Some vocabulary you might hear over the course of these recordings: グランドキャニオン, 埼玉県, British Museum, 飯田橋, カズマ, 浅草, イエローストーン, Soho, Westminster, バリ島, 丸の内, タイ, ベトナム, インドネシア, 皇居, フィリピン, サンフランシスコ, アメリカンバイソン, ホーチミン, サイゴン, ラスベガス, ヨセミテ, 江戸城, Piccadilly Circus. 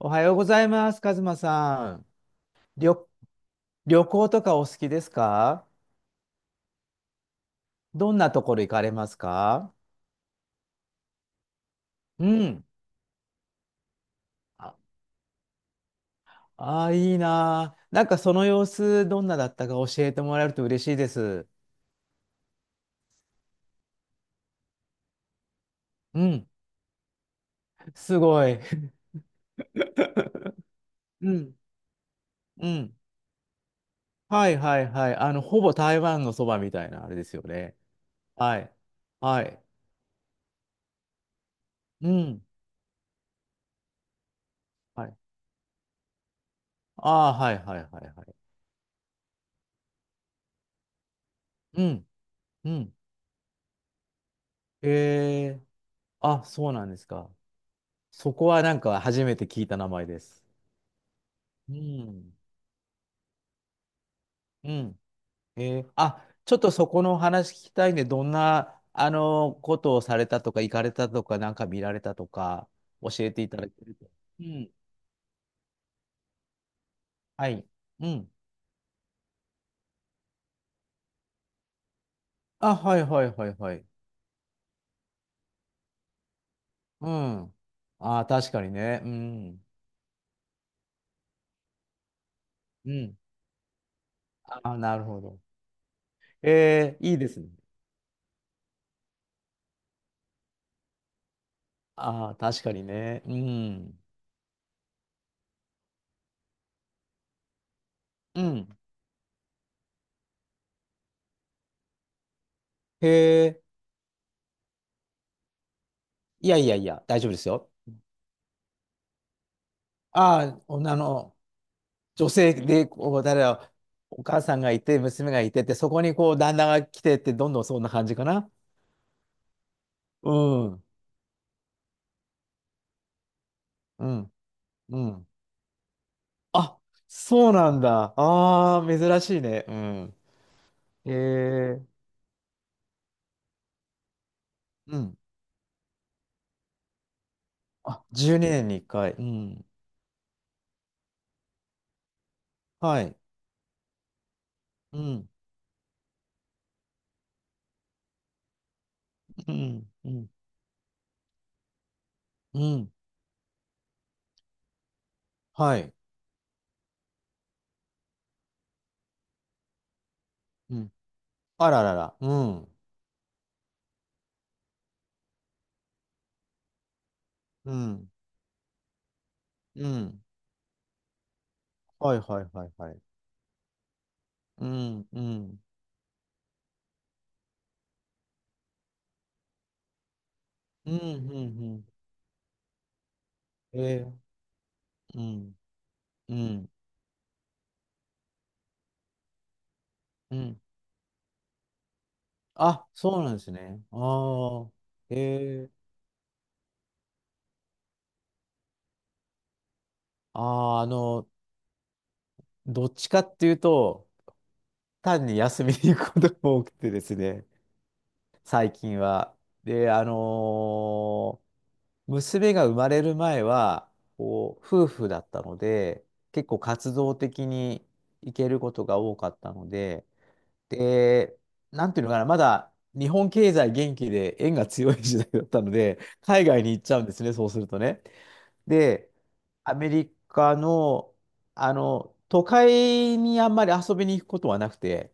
おはようございます、カズマさん。旅、旅行とかお好きですか？どんなところ行かれますか？うん。あ、あー、いいなー。その様子、どんなだったか教えてもらえると嬉しいです。うん。すごい。うん。うん。はいはいはい。あの、ほぼ台湾のそばみたいなあれですよね。はい。はい。うん。はい。ああ、はいはいはいはい。うん。うん。へえ。あ、そうなんですか。そこはなんか初めて聞いた名前です。うん。うん。あ、ちょっとそこの話聞きたいね。どんな、ことをされたとか、行かれたとか、なんか見られたとか、教えていただけると。うん。はい。うん。あ、はいはいはいはい。うん。あー、確かにね。うん。うん。あー、なるほど。いいですね。ああ、確かにね。うん。うん。へえ、いやいやいや、大丈夫ですよ。ああ、あの、女性で、こう、誰だ、お母さんがいて、娘がいてって、そこにこう、旦那が来てって、どんどんそんな感じかな。うん、うん、うん。あ、そうなんだ。ああ、珍しいね。うん。ええ、うん。あ、12年に1回。うん。はい。うん、うん、うん、うん。はい。うん。あららら。うん、うん、うん。はいはいはいはい。うん、うん、うん、うん、うん。ええ、うん、うん。うん、あ、そうなんですね。ああ、ええ、あ、どっちかっていうと、単に休みに行くことが多くてですね、最近は。で、娘が生まれる前は、こう、夫婦だったので、結構活動的に行けることが多かったので、で、なんていうのかな、まだ日本経済元気で円が強い時代だったので、海外に行っちゃうんですね、そうするとね。で、アメリカの、あの、都会にあんまり遊びに行くことはなくて、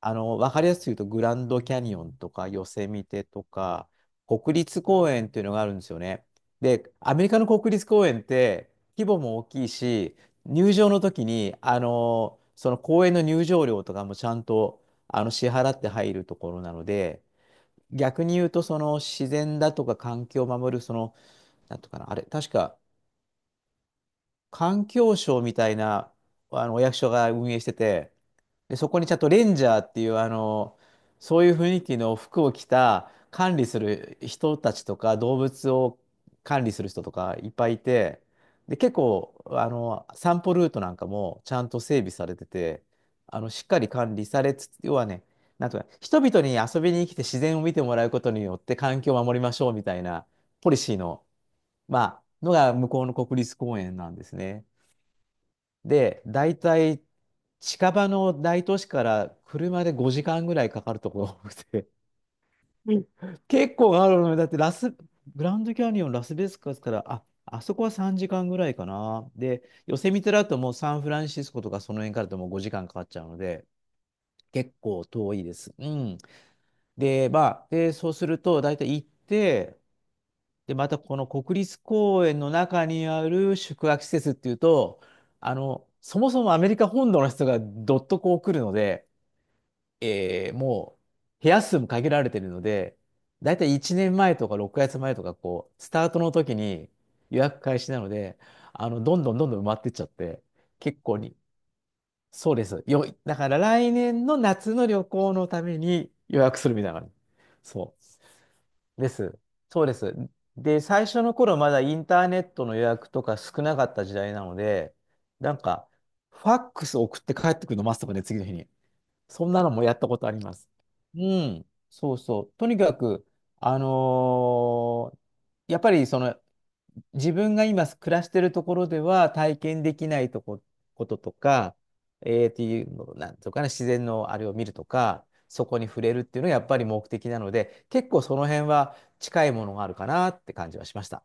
あの、わかりやすく言うと、グランドキャニオンとか、ヨセミテとか、国立公園っていうのがあるんですよね。で、アメリカの国立公園って、規模も大きいし、入場の時に、あの、その公園の入場料とかもちゃんと、あの、支払って入るところなので、逆に言うと、その自然だとか環境を守る、その、なんとかな、あれ、確か、環境省みたいな、あの、お役所が運営してて、で、そこにちゃんとレンジャーっていう、あの、そういう雰囲気の服を着た管理する人たちとか、動物を管理する人とかいっぱいいて、で、結構、あの、散歩ルートなんかもちゃんと整備されてて、あの、しっかり管理されつつ、要はね、なんとか、人々に遊びに来て自然を見てもらうことによって環境を守りましょうみたいなポリシーの、まあ、のが向こうの国立公園なんですね。で、大体近場の大都市から車で5時間ぐらいかかるところが多くて、うん、結構あるのよ。だってラス、グランドキャニオン、ラスベガスから、あ、あそこは3時間ぐらいかな。で、ヨセミテだともうサンフランシスコとかその辺からだともう5時間かかっちゃうので、結構遠いです。うん。で、まあ、で、そうすると、大体行って、で、またこの国立公園の中にある宿泊施設っていうと、あの、そもそもアメリカ本土の人がどっとこう来るので、もう部屋数も限られてるので、だいたい1年前とか6月前とか、こう、スタートの時に予約開始なので、あの、どんどん埋まってっちゃって、結構に、そうです。よ、だから来年の夏の旅行のために予約するみたいな感じ。そう。です。そうです。で、最初の頃まだインターネットの予約とか少なかった時代なので、なんか、ファックス送って帰ってくるの待つとかね、次の日に。そんなのもやったことあります。うん、そうそう。とにかく、あのーやっぱりその自分が今暮らしてるところでは体験できないこととか、っていうの、なんとかね、自然のあれを見るとか、そこに触れるっていうのがやっぱり目的なので、結構その辺は近いものがあるかなって感じはしました。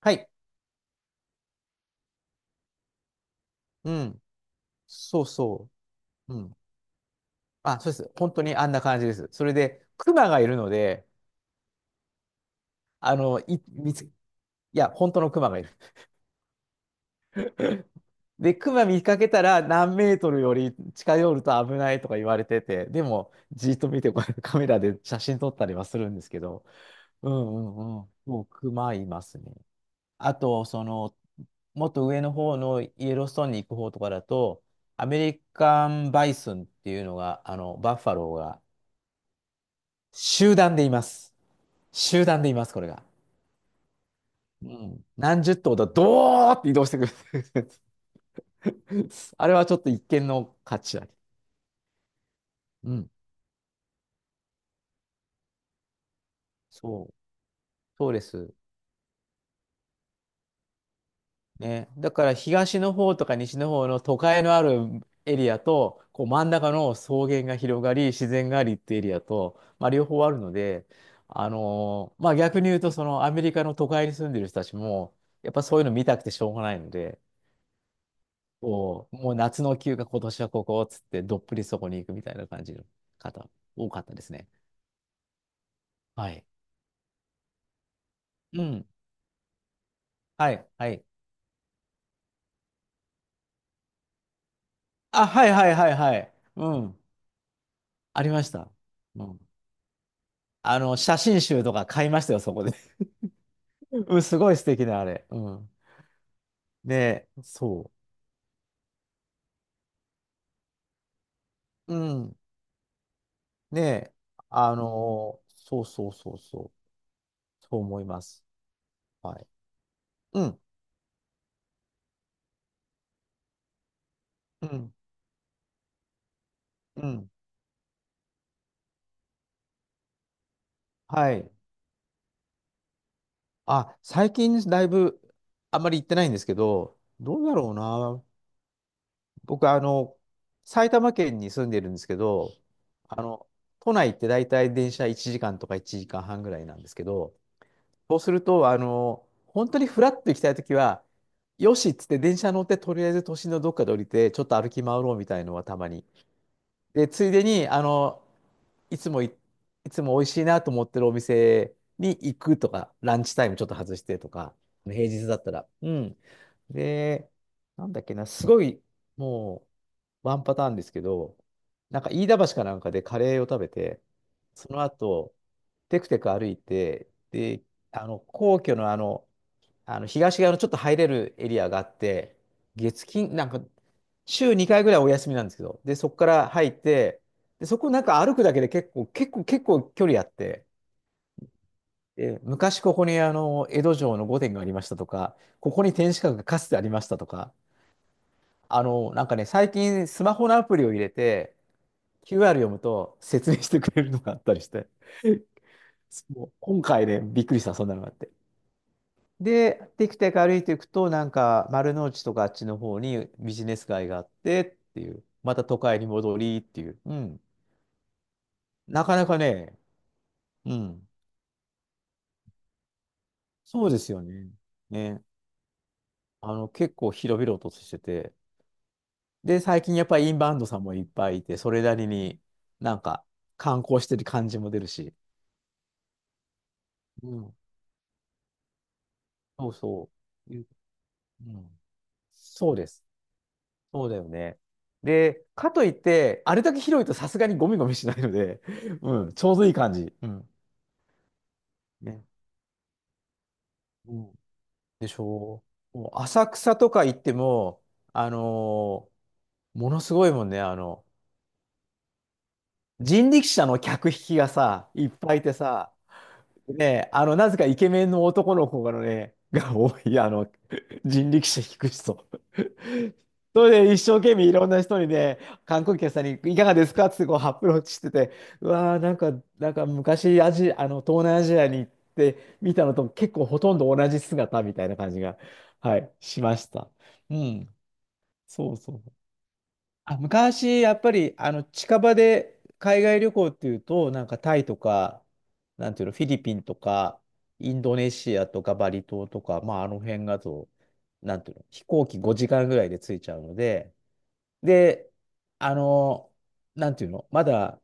はい。うん。そうそう。うん。あ、そうです。本当にあんな感じです。それで、クマがいるので、あの、い、見つ、いや、本当のクマがいる。で、クマ見かけたら何メートルより近寄ると危ないとか言われてて、でも、じっと見て、こうやって カメラで写真撮ったりはするんですけど、うんうんうん。もうクマいますね。あと、もっと上の方のイエローストーンに行く方とかだと、アメリカンバイソンっていうのが、あの、バッファローが、集団でいます。集団でいます、これが。うん。何十頭だ、ドーって移動してくる。あれはちょっと一見の価値あり。うん。そう。そうです。ね。だから東の方とか西の方の都会のあるエリアと、こう真ん中の草原が広がり、自然がありっていうエリアと、まあ、両方あるので、まあ逆に言うと、そのアメリカの都会に住んでる人たちも、やっぱそういうの見たくてしょうがないので、こう、もう夏の休暇今年はここっつってどっぷりそこに行くみたいな感じの方、多かったですね。はい。うん。はい、はい。あ、はい、はい、はい、はい。うん。ありました。うん。あの、写真集とか買いましたよ、そこで。うん、すごい素敵な、あれ。うん。ねえ、そう。うん。ねえ、そうそうそうそう。そう思います。はい。うん、うん、うん。はい。あ、最近だいぶ、あんまり行ってないんですけど、どうだろうな。僕、あの、埼玉県に住んでるんですけど、あの、都内って大体電車1時間とか1時間半ぐらいなんですけど、そうすると、あの、本当にフラッと行きたいときは、よしっつって電車乗って、とりあえず都心のどっかで降りて、ちょっと歩き回ろうみたいのはたまに。で、ついでに、あの、いつもい、いつも美味しいなと思ってるお店に行くとか、ランチタイムちょっと外してとか、平日だったら。うん。で、なんだっけな、すごい、もう、ワンパターンですけど、なんか飯田橋かなんかでカレーを食べて、その後、テクテク歩いて、で、皇居の東側のちょっと入れるエリアがあって、月金、なんか、週2回ぐらいお休みなんですけど、で、そこから入って、で、そこなんか歩くだけで結構距離あって、で、昔ここに江戸城の御殿がありましたとか、ここに天守閣がかつてありましたとか、なんかね、最近スマホのアプリを入れて、QR 読むと説明してくれるのがあったりして、そう今回ね、びっくりした、そんなのがあって。で、テクテク歩いていくと、なんか丸の内とかあっちの方にビジネス街があってっていう、また都会に戻りっていう。うん。なかなかね。うん。そうですよね。ね。結構広々としてて、で、最近やっぱりインバウンドさんもいっぱいいて、それなりになんか観光してる感じも出るし。うん。そうそう。うん。そうです。そうだよね。で、かといって、あれだけ広いとさすがにゴミゴミしないので、うん、ちょうどいい感じ。うん。ね。うん。でしょう。もう浅草とか行っても、あのーものすごいもんね。人力車の客引きがさ、いっぱいいてさ、ね、なぜかイケメンの男の子がね、が多い、人力車引く人。それで一生懸命いろんな人にね、観光客さんにいかがですかってこうアプローチしてて、うわー、なんか昔アジ、あの、東南アジアに行って見たのと結構ほとんど同じ姿みたいな感じが、はい、しました。うん、そうそう。あ、昔、やっぱり、近場で海外旅行っていうと、なんかタイとか、なんていうの、フィリピンとか、インドネシアとかバリ島とか、まあ、あの辺だと、なんていうの、飛行機5時間ぐらいで着いちゃうので、で、あの、なんていうの、まだ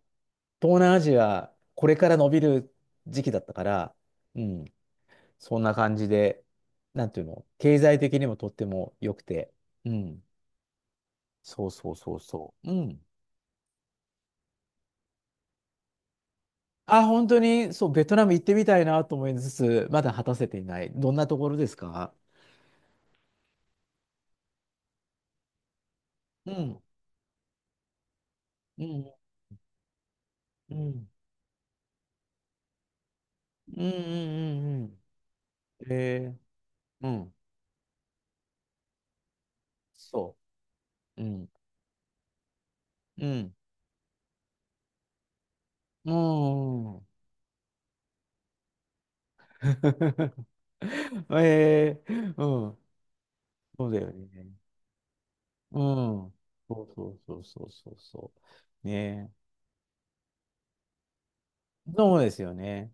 東南アジア、これから伸びる時期だったから。うん。そんな感じで、なんていうの、経済的にもとっても良くて。うん、そうそうそうそう。うん。あ、本当に、そう、ベトナム行ってみたいなと思いつつ、まだ果たせていない。どんなところですか？うん。うん。うん。うん。うん。うん。うんえー、うん。そう。うん。うん。うん。うん。 えー、うん。そうだよね。うん。そうそうそうそうそうそう。ねえ。そうですよね。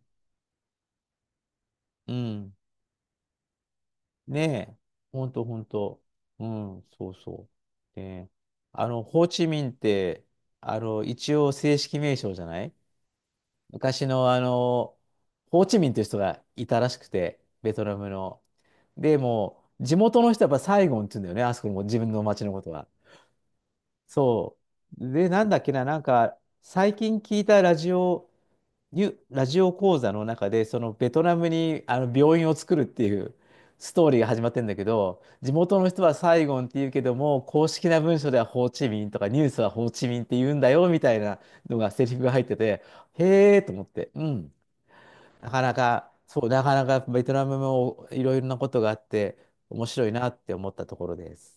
うん。ねえ、ほんとほんと。うん、そうそう。で、ホーチミンって、一応正式名称じゃない昔のホーチミンという人がいたらしくて、ベトナムの。でも地元の人はやっぱサイゴンって言うんだよね、あそこも自分の町のことは。そう。で、なんだっけな、なんか、最近聞いたラジオ講座の中で、そのベトナムに病院を作るっていうストーリーが始まってんだけど、地元の人はサイゴンって言うけども、公式な文書ではホーチミンとかニュースはホーチミンって言うんだよみたいなのがセリフが入ってて、へえと思って。うん。なかなか、そう、なかなかベトナムもいろいろなことがあって面白いなって思ったところです。